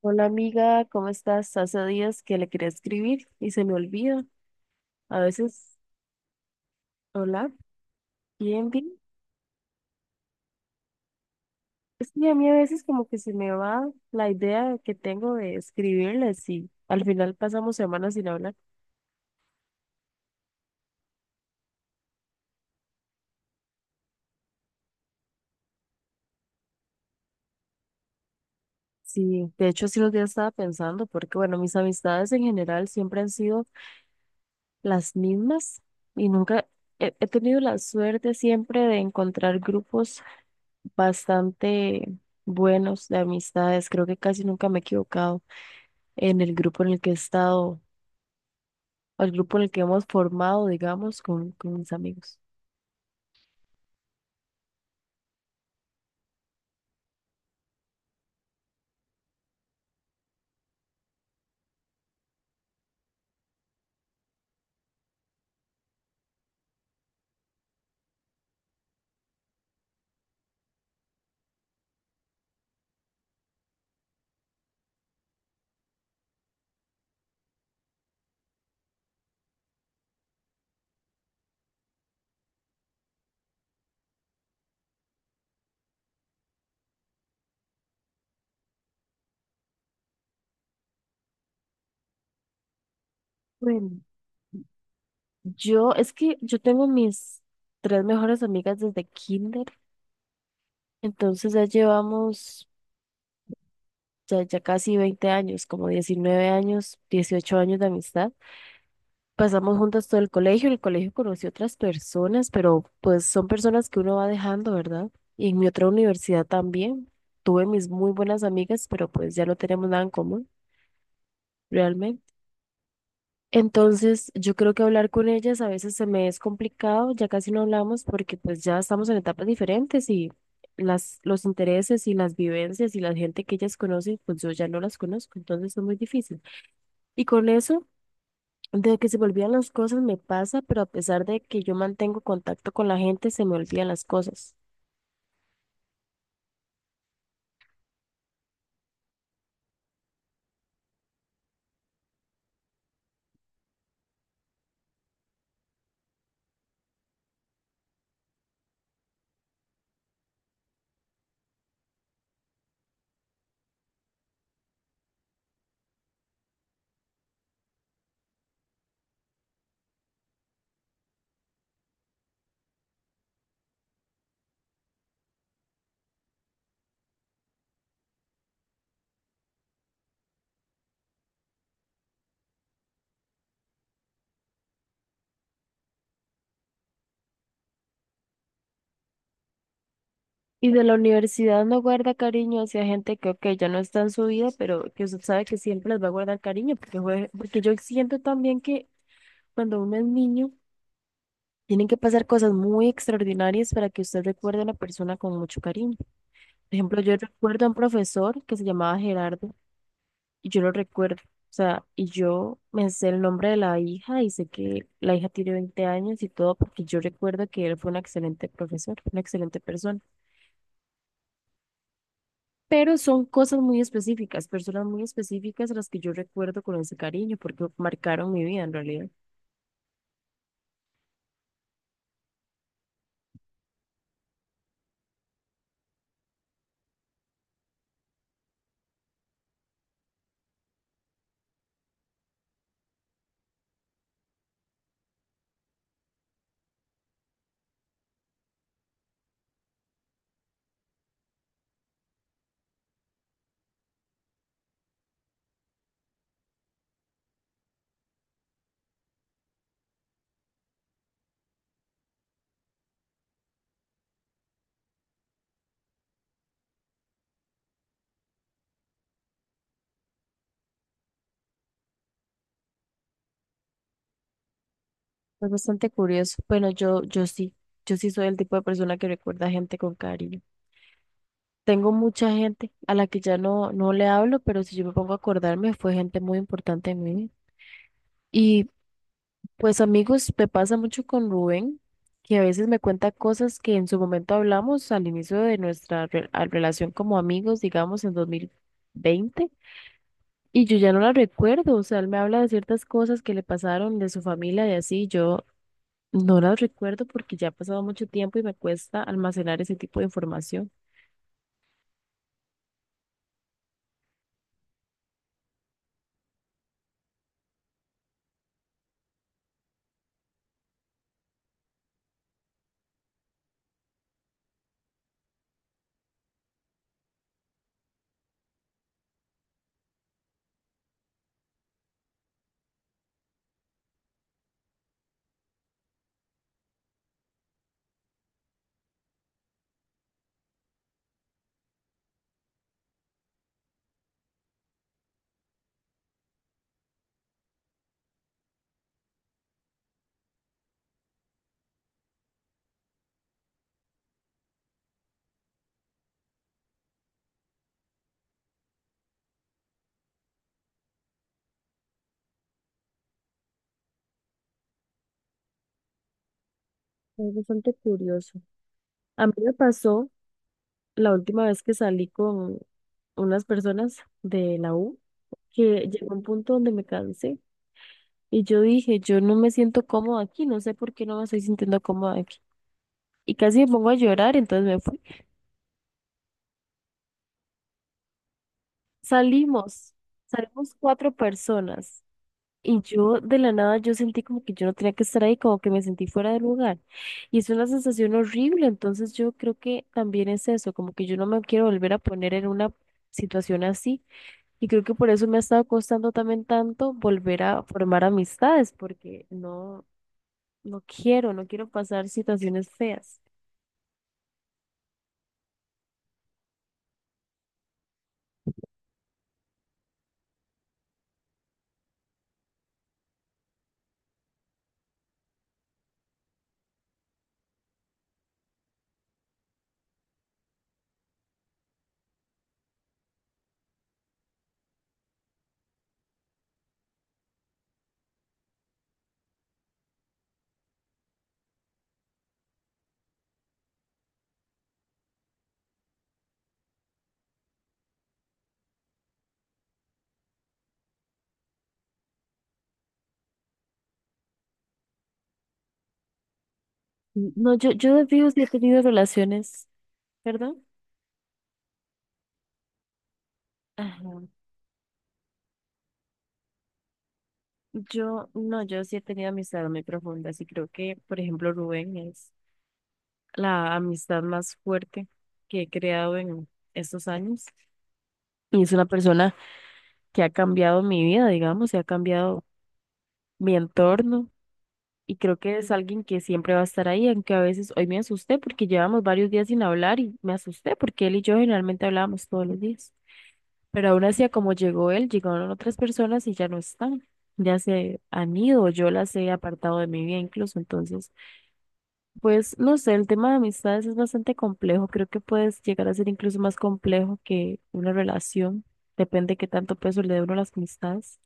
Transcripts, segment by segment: Hola amiga, ¿cómo estás? Hace días que le quería escribir y se me olvida. A veces, hola, bien, bien. Es que a mí a veces como que se me va la idea que tengo de escribirles y al final pasamos semanas sin hablar. Sí, de hecho sí los días estaba pensando porque bueno, mis amistades en general siempre han sido las mismas y nunca he tenido la suerte siempre de encontrar grupos bastante buenos de amistades. Creo que casi nunca me he equivocado. En el grupo en el que he estado, al grupo en el que hemos formado, digamos, con mis amigos. Bueno, es que yo tengo mis tres mejores amigas desde kinder, entonces ya llevamos ya casi 20 años, como 19 años, 18 años de amistad. Pasamos juntas todo el colegio, en el colegio conocí otras personas, pero pues son personas que uno va dejando, ¿verdad? Y en mi otra universidad también. Tuve mis muy buenas amigas, pero pues ya no tenemos nada en común, realmente. Entonces, yo creo que hablar con ellas a veces se me es complicado, ya casi no hablamos porque pues ya estamos en etapas diferentes y las, los intereses y las vivencias y la gente que ellas conocen, pues yo ya no las conozco, entonces es muy difícil. Y con eso, de que se me olvidan las cosas me pasa, pero a pesar de que yo mantengo contacto con la gente, se me olvidan las cosas. Y de la universidad no guarda cariño hacia gente que, ok, ya no está en su vida, pero que usted sabe que siempre les va a guardar cariño, porque, porque yo siento también que cuando uno es niño, tienen que pasar cosas muy extraordinarias para que usted recuerde a una persona con mucho cariño. Por ejemplo, yo recuerdo a un profesor que se llamaba Gerardo y yo lo recuerdo. O sea, y yo me sé el nombre de la hija y sé que la hija tiene 20 años y todo porque yo recuerdo que él fue un excelente profesor, una excelente persona. Pero son cosas muy específicas, personas muy específicas a las que yo recuerdo con ese cariño porque marcaron mi vida en realidad. Es bastante curioso. Bueno, yo sí soy el tipo de persona que recuerda a gente con cariño. Tengo mucha gente a la que ya no le hablo, pero si yo me pongo a acordarme, fue gente muy importante en mí. Y pues amigos, me pasa mucho con Rubén, que a veces me cuenta cosas que en su momento hablamos al inicio de nuestra relación como amigos, digamos en 2020 y yo ya no la recuerdo. O sea, él me habla de ciertas cosas que le pasaron de su familia y así, yo no las recuerdo porque ya ha pasado mucho tiempo y me cuesta almacenar ese tipo de información. Es bastante curioso. A mí me pasó la última vez que salí con unas personas de la U que llegó un punto donde me cansé y yo dije, yo no me siento cómoda aquí, no sé por qué no me estoy sintiendo cómoda aquí. Y casi me pongo a llorar, entonces me fui. Salimos, salimos cuatro personas. Y yo de la nada yo sentí como que yo no tenía que estar ahí, como que me sentí fuera de lugar. Y es una sensación horrible, entonces yo creo que también es eso, como que yo no me quiero volver a poner en una situación así. Y creo que por eso me ha estado costando también tanto volver a formar amistades, porque no, no quiero, no quiero pasar situaciones feas. No, yo de fijo sí he tenido relaciones, ¿perdón? Ajá. Yo, no, yo sí he tenido amistades muy profundas y creo que, por ejemplo, Rubén es la amistad más fuerte que he creado en estos años. Y es una persona que ha cambiado mi vida, digamos, y ha cambiado mi entorno. Y creo que es alguien que siempre va a estar ahí, aunque a veces hoy me asusté porque llevamos varios días sin hablar y me asusté porque él y yo generalmente hablábamos todos los días. Pero aún así, a como llegó él, llegaron otras personas y ya no están. Ya se han ido, yo las he apartado de mi vida incluso. Entonces, pues no sé, el tema de amistades es bastante complejo. Creo que puedes llegar a ser incluso más complejo que una relación. Depende de qué tanto peso le dé uno a las amistades.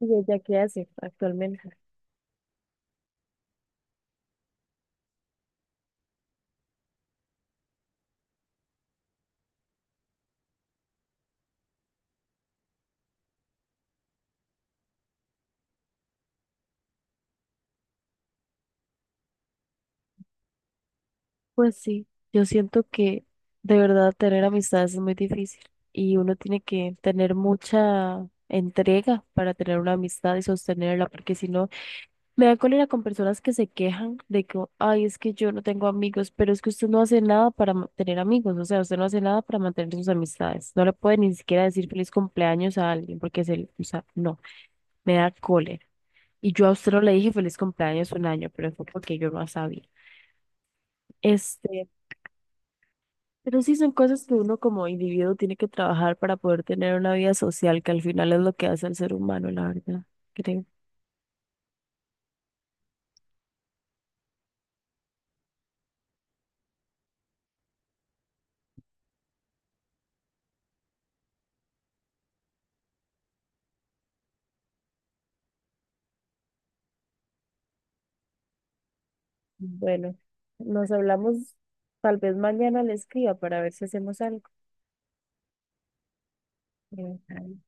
¿Y ella qué hace actualmente? Pues sí, yo siento que de verdad tener amistades es muy difícil y uno tiene que tener mucha entrega para tener una amistad y sostenerla, porque si no, me da cólera con personas que se quejan de que, ay, es que yo no tengo amigos, pero es que usted no hace nada para tener amigos, o sea, usted no hace nada para mantener sus amistades. No le puede ni siquiera decir feliz cumpleaños a alguien porque o sea, no, me da cólera. Y yo a usted no le dije feliz cumpleaños un año, pero fue porque yo no sabía. Este, pero sí son cosas que uno como individuo tiene que trabajar para poder tener una vida social, que al final es lo que hace al ser humano, la verdad, creo. Bueno, nos hablamos tal vez mañana le escriba para ver si hacemos algo. Bueno,